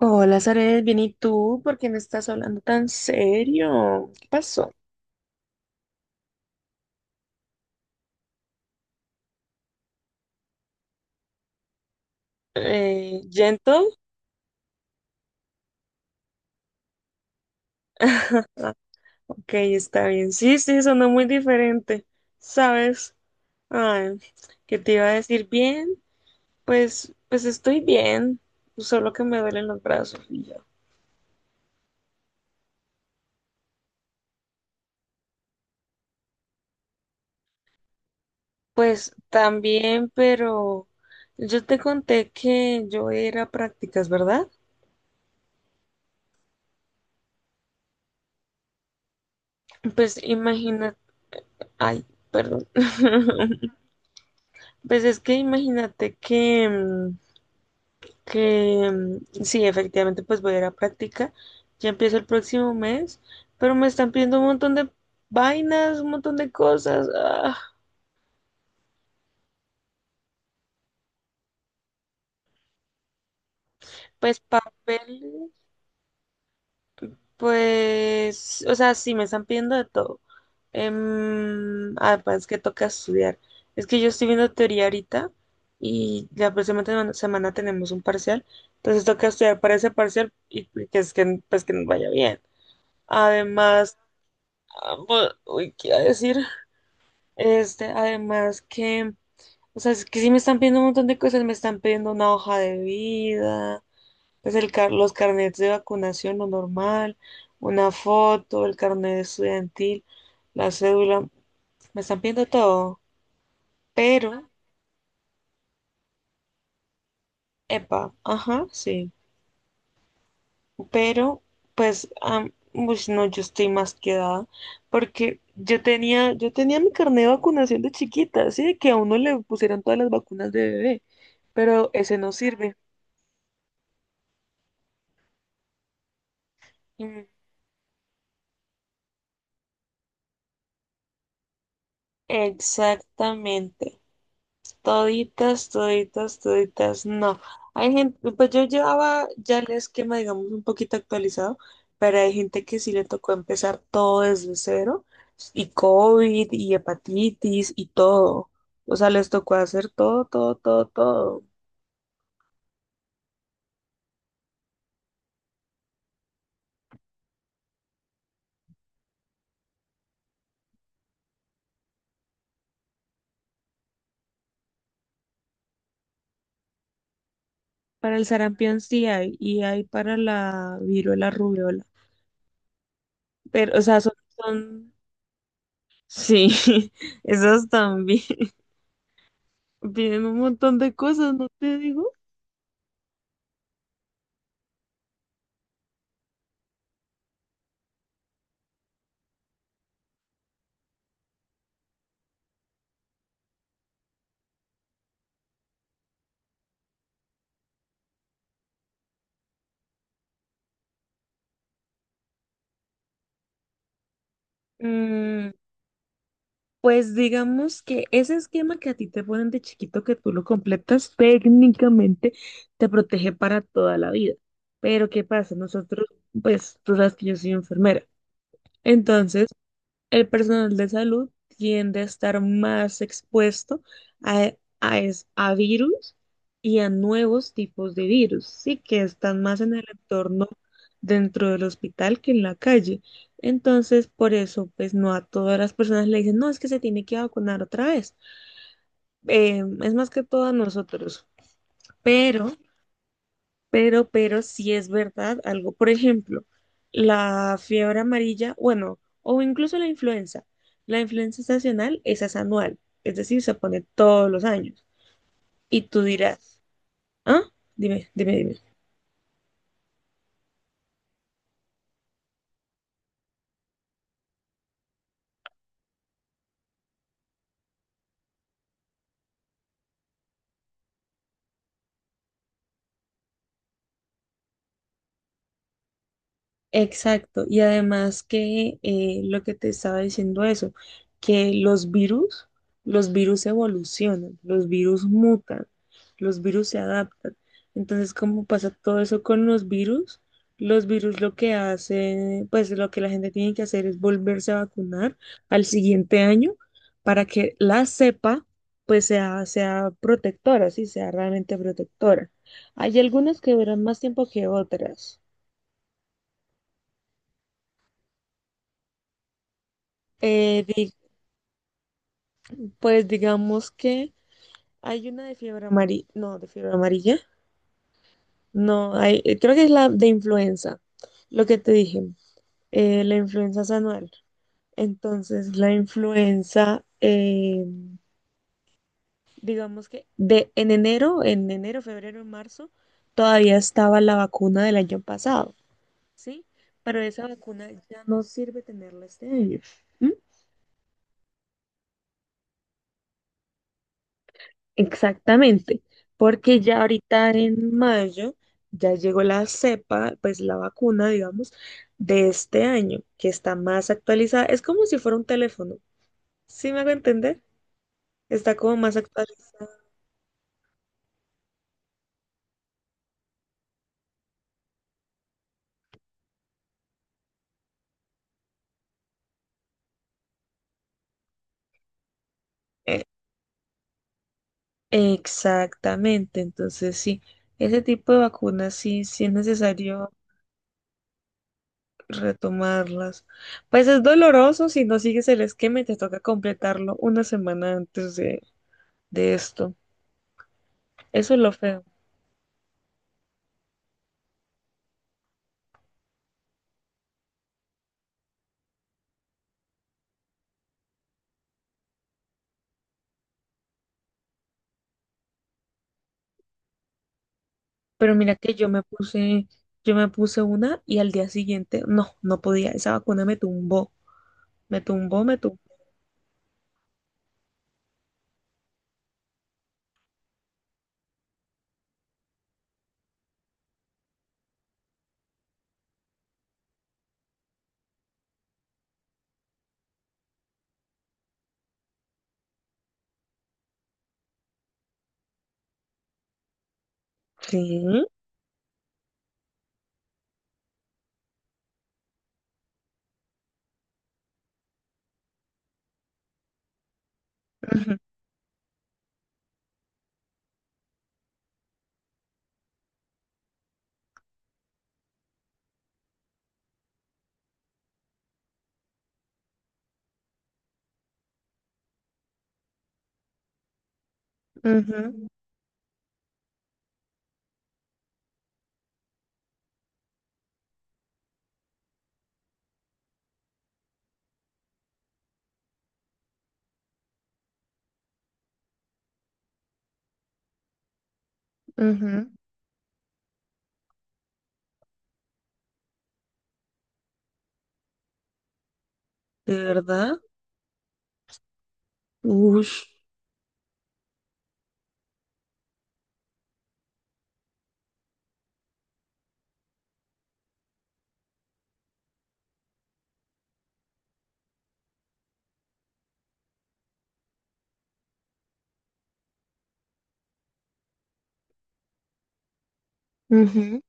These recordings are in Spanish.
Hola, Zaret, bien, ¿y tú? ¿Por qué me estás hablando tan serio? ¿Qué pasó? ¿Gentle? Ok, está bien. Sí, sí, sonó muy diferente, ¿sabes? Ay, ¿qué te iba a decir? Bien, pues estoy bien, solo que me duelen los brazos y ya. Pues también, pero yo te conté que yo era a ir a prácticas, ¿verdad? Pues imagínate, ay, perdón. Pues es que imagínate que, que sí, efectivamente, pues voy a ir a práctica. Ya empiezo el próximo mes, pero me están pidiendo un montón de vainas, un montón de cosas. Pues papeles, pues, o sea, sí, me están pidiendo de todo. Pues es que toca estudiar. Es que yo estoy viendo teoría ahorita y la próxima semana tenemos un parcial, entonces toca estudiar para ese parcial y que es que, pues, que nos vaya bien. Además, ¿qué iba a decir? Este, además que, o sea, es que sí me están pidiendo un montón de cosas, me están pidiendo una hoja de vida, pues los carnets de vacunación, lo normal, una foto, el carnet estudiantil, la cédula, me están pidiendo todo, pero, epa, ajá, sí. Pero pues, no, yo estoy más quedada, porque yo tenía mi carnet de vacunación de chiquita, así de que a uno le pusieron todas las vacunas de bebé, pero ese no sirve. Mm, exactamente. Toditas, toditas, toditas, no. Hay gente, pues yo llevaba ya el esquema, digamos, un poquito actualizado, pero hay gente que sí le tocó empezar todo desde cero, y COVID, y hepatitis, y todo. O sea, les tocó hacer todo, todo, todo, todo. Para el sarampión sí hay, y hay para la viruela, rubiola. Pero, o sea, Sí, esos también. Vienen un montón de cosas, ¿no te digo? Pues digamos que ese esquema que a ti te ponen de chiquito que tú lo completas, técnicamente te protege para toda la vida. Pero ¿qué pasa? Nosotros, pues tú sabes que yo soy enfermera. Entonces, el personal de salud tiende a estar más expuesto a, a virus y a nuevos tipos de virus, sí, que están más en el entorno dentro del hospital que en la calle. Entonces, por eso, pues no a todas las personas le dicen, no, es que se tiene que vacunar otra vez. Es más que todo a nosotros, pero pero sí es verdad algo. Por ejemplo, la fiebre amarilla, bueno, o incluso la influenza. La influenza estacional, esa es anual, es decir, se pone todos los años. Y tú dirás, ¿ah? Dime, dime, dime. Exacto, y además que lo que te estaba diciendo eso, que los virus evolucionan, los virus mutan, los virus se adaptan. Entonces, como pasa todo eso con los virus? Los virus lo que hacen, pues lo que la gente tiene que hacer es volverse a vacunar al siguiente año para que la cepa pues sea protectora, sí, sea realmente protectora. Hay algunas que duran más tiempo que otras. Pues digamos que hay una de fiebre amarilla, no, de fiebre amarilla, no, hay, creo que es la de influenza, lo que te dije, la influenza es anual. Entonces, la influenza, digamos en enero, febrero, en marzo, todavía estaba la vacuna del año pasado, ¿sí? Pero esa vacuna ya no sirve tenerla este año. Exactamente, porque ya ahorita en mayo ya llegó la cepa, pues la vacuna, digamos, de este año, que está más actualizada. Es como si fuera un teléfono, ¿sí me hago entender? Está como más actualizada. Eh, Exactamente, entonces sí, ese tipo de vacunas sí, sí es necesario retomarlas. Pues es doloroso si no sigues el esquema y te toca completarlo una semana antes de esto. Eso es lo feo. Pero mira que yo me puse una y al día siguiente, no, no podía. Esa vacuna me tumbó, me tumbó, me tumbó. Sí. Ujú, ujú, ujú. ¿De verdad? Ush. Ujú.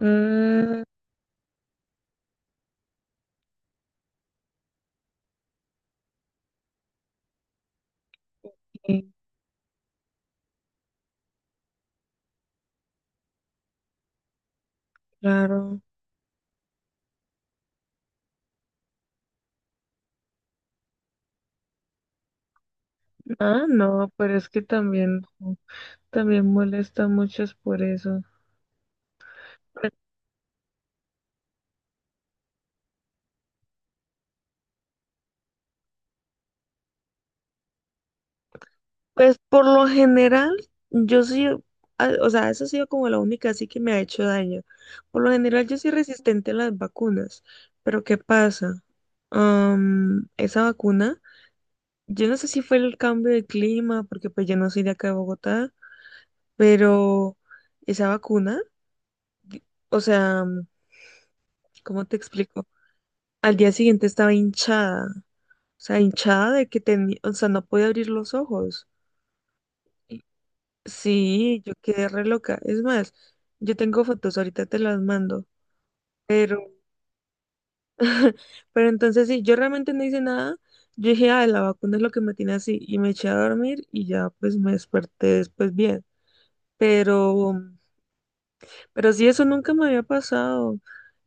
Mm, sí, claro. Ah, no, pero es que también, también molesta mucho es por eso. Pues por lo general, yo sí, o sea, eso ha sido como la única así que me ha hecho daño. Por lo general, yo soy resistente a las vacunas, pero ¿qué pasa? Esa vacuna, yo no sé si fue el cambio de clima, porque pues yo no soy de acá de Bogotá, pero esa vacuna, di- o sea, ¿cómo te explico? Al día siguiente estaba hinchada, o sea, hinchada de que tenía, o sea, no podía abrir los ojos. Sí, yo quedé re loca. Es más, yo tengo fotos, ahorita te las mando. Pero, pero entonces sí, yo realmente no hice nada. Yo dije, ah, la vacuna es lo que me tiene así. Y me eché a dormir y ya pues me desperté después bien. Pero, Pero sí, eso nunca me había pasado.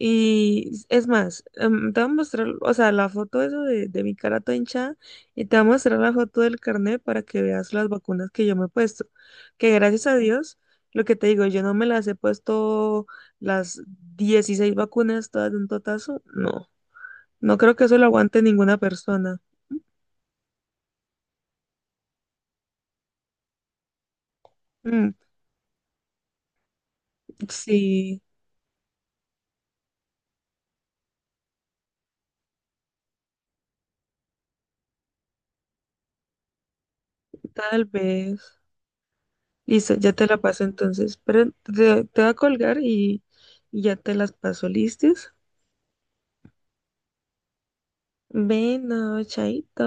Y es más, te voy a mostrar, o sea, la foto esa de mi cara toda hinchada y te voy a mostrar la foto del carnet para que veas las vacunas que yo me he puesto. Que gracias a Dios, lo que te digo, yo no me las he puesto las 16 vacunas todas de un totazo. No, no creo que eso lo aguante ninguna persona. Mm, sí, tal vez. Listo, ya te la paso entonces. Te voy a colgar y ya te las paso, ¿listos? Bueno, chaito.